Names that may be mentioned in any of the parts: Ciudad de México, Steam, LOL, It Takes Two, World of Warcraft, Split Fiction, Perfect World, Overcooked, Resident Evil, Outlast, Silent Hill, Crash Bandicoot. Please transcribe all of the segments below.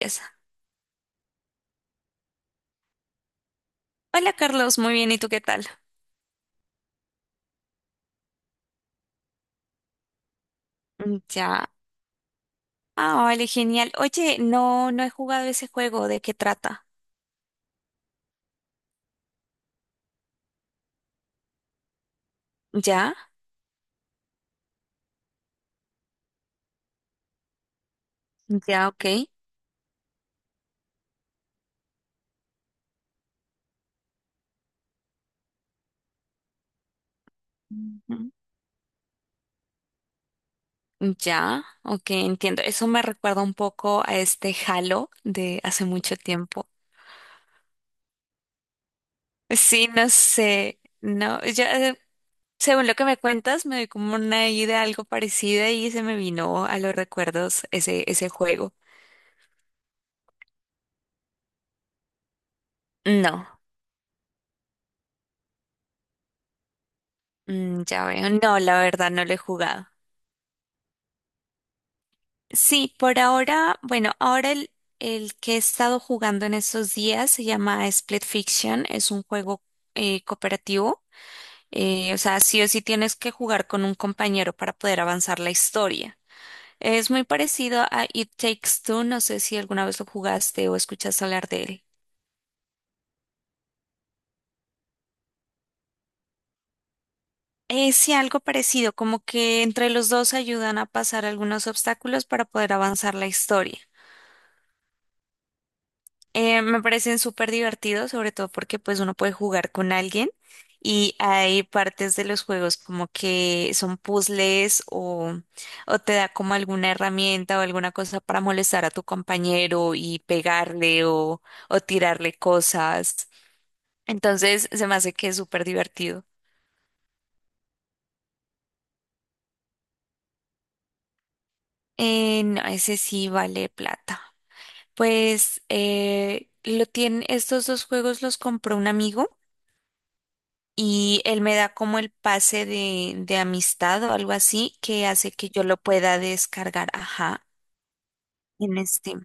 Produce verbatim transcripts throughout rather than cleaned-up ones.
Empieza. Hola Carlos, muy bien, ¿y tú qué tal? Mm, Ya. Ah, vale, genial. Oye, no, no he jugado ese juego, ¿de qué trata? Ya, ya, ok. Ujú. Ya, ok, entiendo. Eso me recuerda un poco a este Halo de hace mucho tiempo. Sí, no sé, no, yo, eh, según lo que me cuentas, me doy como una idea algo parecida y se me vino a los recuerdos ese, ese juego. No, mm, ya veo, no, la verdad no lo he jugado. Sí, por ahora, bueno, ahora el, el que he estado jugando en estos días se llama Split Fiction, es un juego eh, cooperativo, eh, o sea, sí o sí tienes que jugar con un compañero para poder avanzar la historia. Es muy parecido a It Takes Two, no sé si alguna vez lo jugaste o escuchaste hablar de él. Eh, sí, algo parecido, como que entre los dos ayudan a pasar algunos obstáculos para poder avanzar la historia. Eh, me parecen súper divertidos, sobre todo porque pues uno puede jugar con alguien y hay partes de los juegos como que son puzzles o, o te da como alguna herramienta o alguna cosa para molestar a tu compañero y pegarle o, o tirarle cosas. Entonces se me hace que es súper divertido. Eh, no, ese sí vale plata. Pues eh, lo tienen, estos dos juegos los compró un amigo. Y él me da como el pase de, de amistad o algo así que hace que yo lo pueda descargar, ajá, en Steam.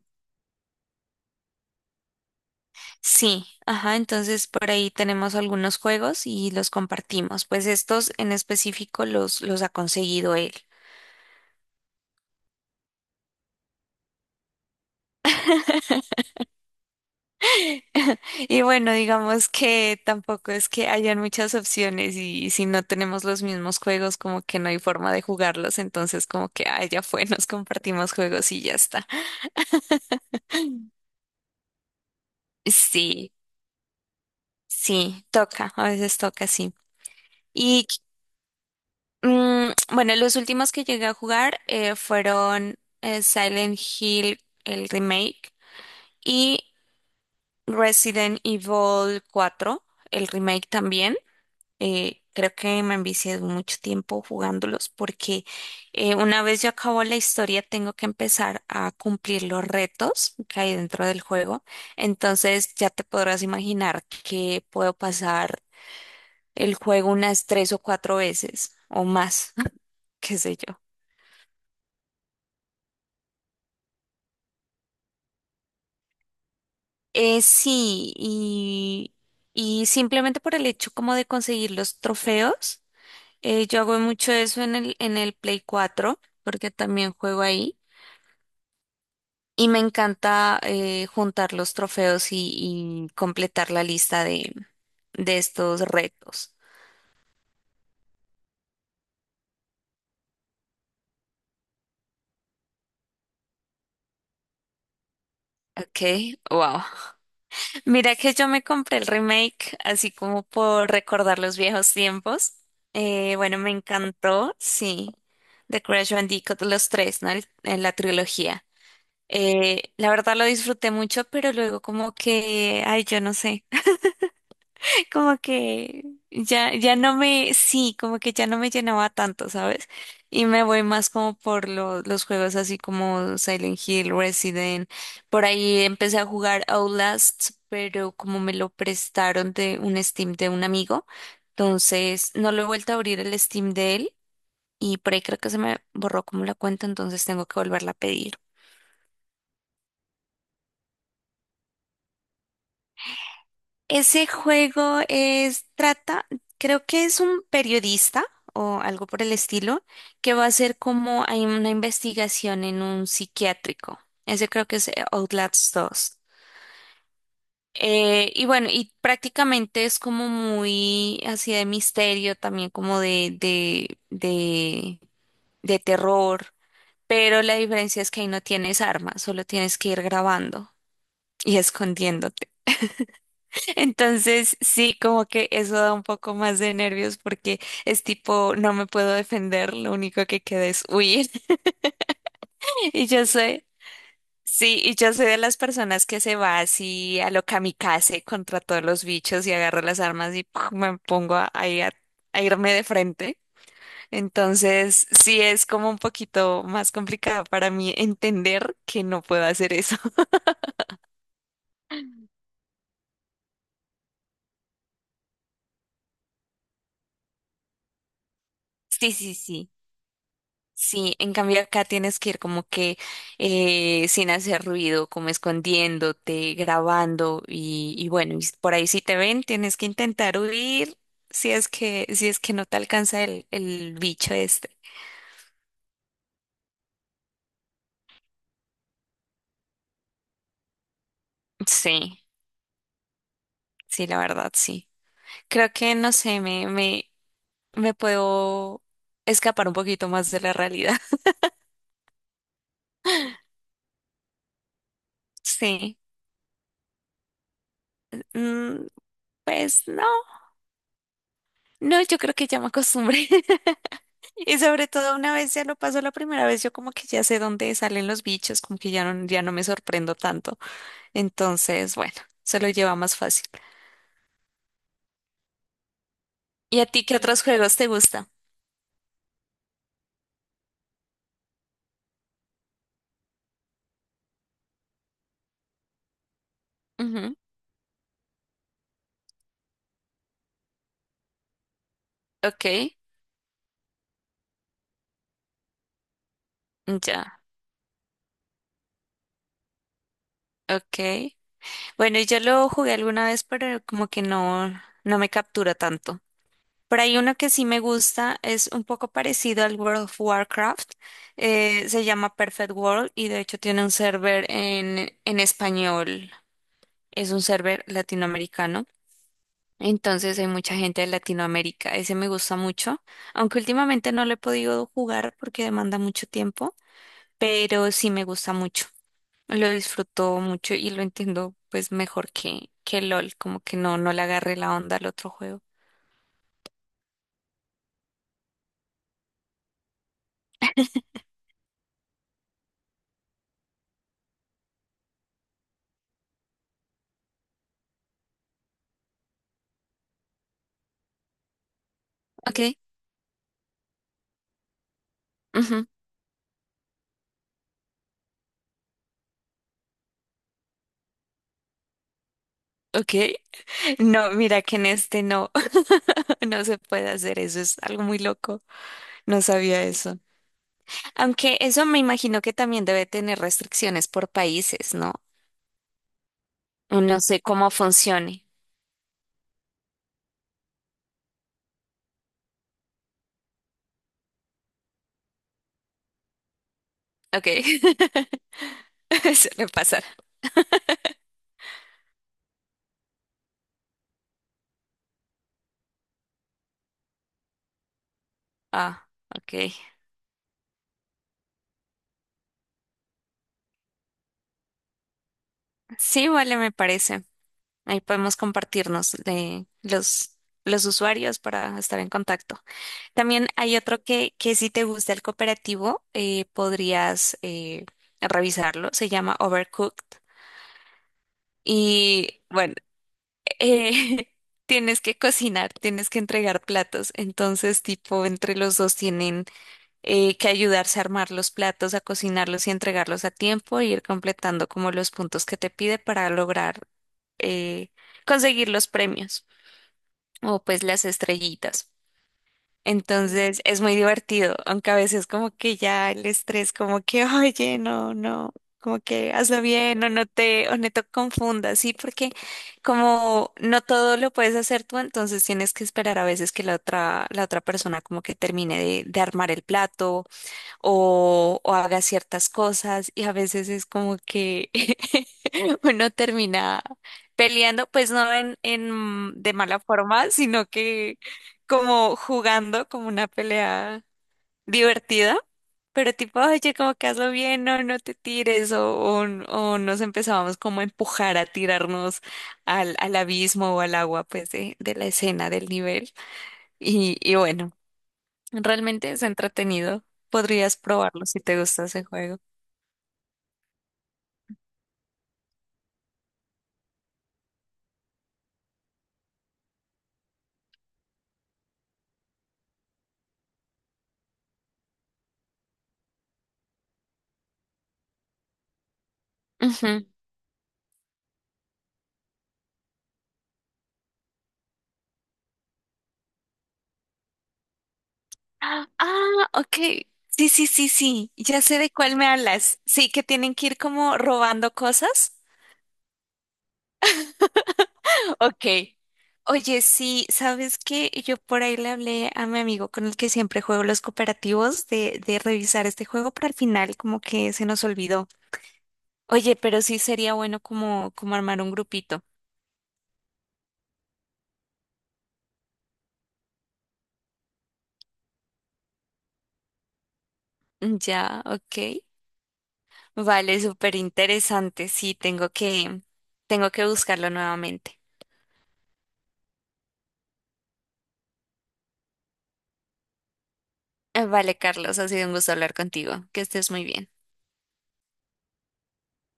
Sí, ajá, entonces por ahí tenemos algunos juegos y los compartimos. Pues estos en específico los, los ha conseguido él. Y bueno, digamos que tampoco es que hayan muchas opciones y si no tenemos los mismos juegos, como que no hay forma de jugarlos, entonces como que, ah, ya fue, nos compartimos juegos y ya está. Sí, sí, toca, a veces toca, sí. Y mm, bueno, los últimos que llegué a jugar eh, fueron eh, Silent Hill, el remake, y Resident Evil cuatro, el remake también. Eh, creo que me envicié mucho tiempo jugándolos porque eh, una vez yo acabo la historia tengo que empezar a cumplir los retos que hay dentro del juego. Entonces ya te podrás imaginar que puedo pasar el juego unas tres o cuatro veces o más, qué sé yo. Eh, sí, y, y simplemente por el hecho como de conseguir los trofeos, eh, yo hago mucho eso en el, en el Play cuatro porque también juego ahí, y me encanta eh, juntar los trofeos y, y completar la lista de, de estos retos. Ok, wow. Mira que yo me compré el remake así como por recordar los viejos tiempos. Eh, bueno, me encantó, sí. The Crash Bandicoot, los tres, ¿no? El- en la trilogía. Eh, la verdad lo disfruté mucho, pero luego como que, ay, yo no sé como que ya, ya no me, sí, como que ya no me llenaba tanto, ¿sabes? Y me voy más como por lo- los juegos así como Silent Hill, Resident. Por ahí empecé a jugar Outlast, pero como me lo prestaron de un Steam de un amigo, entonces no lo he vuelto a abrir el Steam de él y por ahí creo que se me borró como la cuenta, entonces tengo que volverla a pedir. Ese juego es, trata, creo que es un periodista o algo por el estilo, que va a hacer como hay una investigación en un psiquiátrico. Ese creo que es eh, Outlast dos. Eh, y bueno, y prácticamente es como muy así de misterio, también como de, de, de, de terror, pero la diferencia es que ahí no tienes armas, solo tienes que ir grabando y escondiendo. Entonces, sí, como que eso da un poco más de nervios porque es tipo, no me puedo defender, lo único que queda es huir. Y yo soy, sí, y yo soy de las personas que se va así a lo kamikaze contra todos los bichos y agarro las armas y ¡pum! Me pongo a, ahí a a irme de frente. Entonces, sí es como un poquito más complicado para mí entender que no puedo hacer eso. Sí, sí, sí. Sí, en cambio acá tienes que ir como que eh, sin hacer ruido, como escondiéndote, grabando y, y bueno, y por ahí si te ven tienes que intentar huir si es que, si es que no te alcanza el, el bicho este. Sí, sí, la verdad, sí. Creo que, no sé, me, me, me puedo escapar un poquito más de la realidad. Sí, Mm, pues no, no, yo creo que ya me acostumbré. Y sobre todo una vez ya lo pasó la primera vez, yo como que ya sé dónde salen los bichos, como que ya no, ya no me sorprendo tanto. Entonces, bueno, se lo lleva más fácil. ¿Y a ti qué? Sí. Otros juegos te gusta. Ujú. Ok, ya, ok. Bueno, y yo lo jugué alguna vez, pero como que no, no me captura tanto. Por ahí uno que sí me gusta es un poco parecido al World of Warcraft. Eh, se llama Perfect World y de hecho tiene un server en, en español. Es un server latinoamericano. Entonces hay mucha gente de Latinoamérica. Ese me gusta mucho, aunque últimamente no lo he podido jugar porque demanda mucho tiempo, pero sí me gusta mucho. Lo disfruto mucho y lo entiendo pues mejor que, que LOL, como que no, no le agarré la onda al otro juego. Ok, ujú, ok. No, mira que en este no, no se puede hacer eso, es algo muy loco. No sabía eso. Aunque eso me imagino que también debe tener restricciones por países, ¿no? No sé cómo funcione. Ok, suele pasar. Ah, ok. Sí, vale, me parece. Ahí podemos compartirnos de los, los usuarios para estar en contacto. También hay otro que, que si te gusta el cooperativo, eh, podrías eh, revisarlo. Se llama Overcooked. Y bueno, eh, tienes que cocinar, tienes que entregar platos. Entonces, tipo, entre los dos tienen eh, que ayudarse a armar los platos, a cocinarlos y entregarlos a tiempo, e ir completando como los puntos que te pide para lograr eh, conseguir los premios o pues las estrellitas. Entonces es muy divertido, aunque a veces como que ya el estrés, como que, oye, no, no, como que hazlo bien o no te, o no te confundas, ¿sí? Porque como no todo lo puedes hacer tú, entonces tienes que esperar a veces que la otra, la otra persona como que termine de, de armar el plato o, o haga ciertas cosas y a veces es como que uno termina peleando, pues no en, en de mala forma, sino que como jugando como una pelea divertida. Pero tipo, oye, como que hazlo bien, no, no te tires, o, o, o nos empezábamos como a empujar, a tirarnos al, al abismo o al agua, pues, de, de la escena, del nivel. Y, y bueno. Realmente es entretenido. Podrías probarlo si te gusta ese juego. Ujú. Ah, ah, ok. Sí, sí, sí, sí. Ya sé de cuál me hablas. Sí, que tienen que ir como robando cosas. Ok. Oye, sí, ¿sabes qué? Yo por ahí le hablé a mi amigo con el que siempre juego los cooperativos de, de revisar este juego, pero al final como que se nos olvidó. Oye, pero sí sería bueno como, como armar un grupito. Ya, ok. Vale, súper interesante. Sí, tengo que, tengo que buscarlo nuevamente. Eh, Vale, Carlos, ha sido un gusto hablar contigo. Que estés muy bien.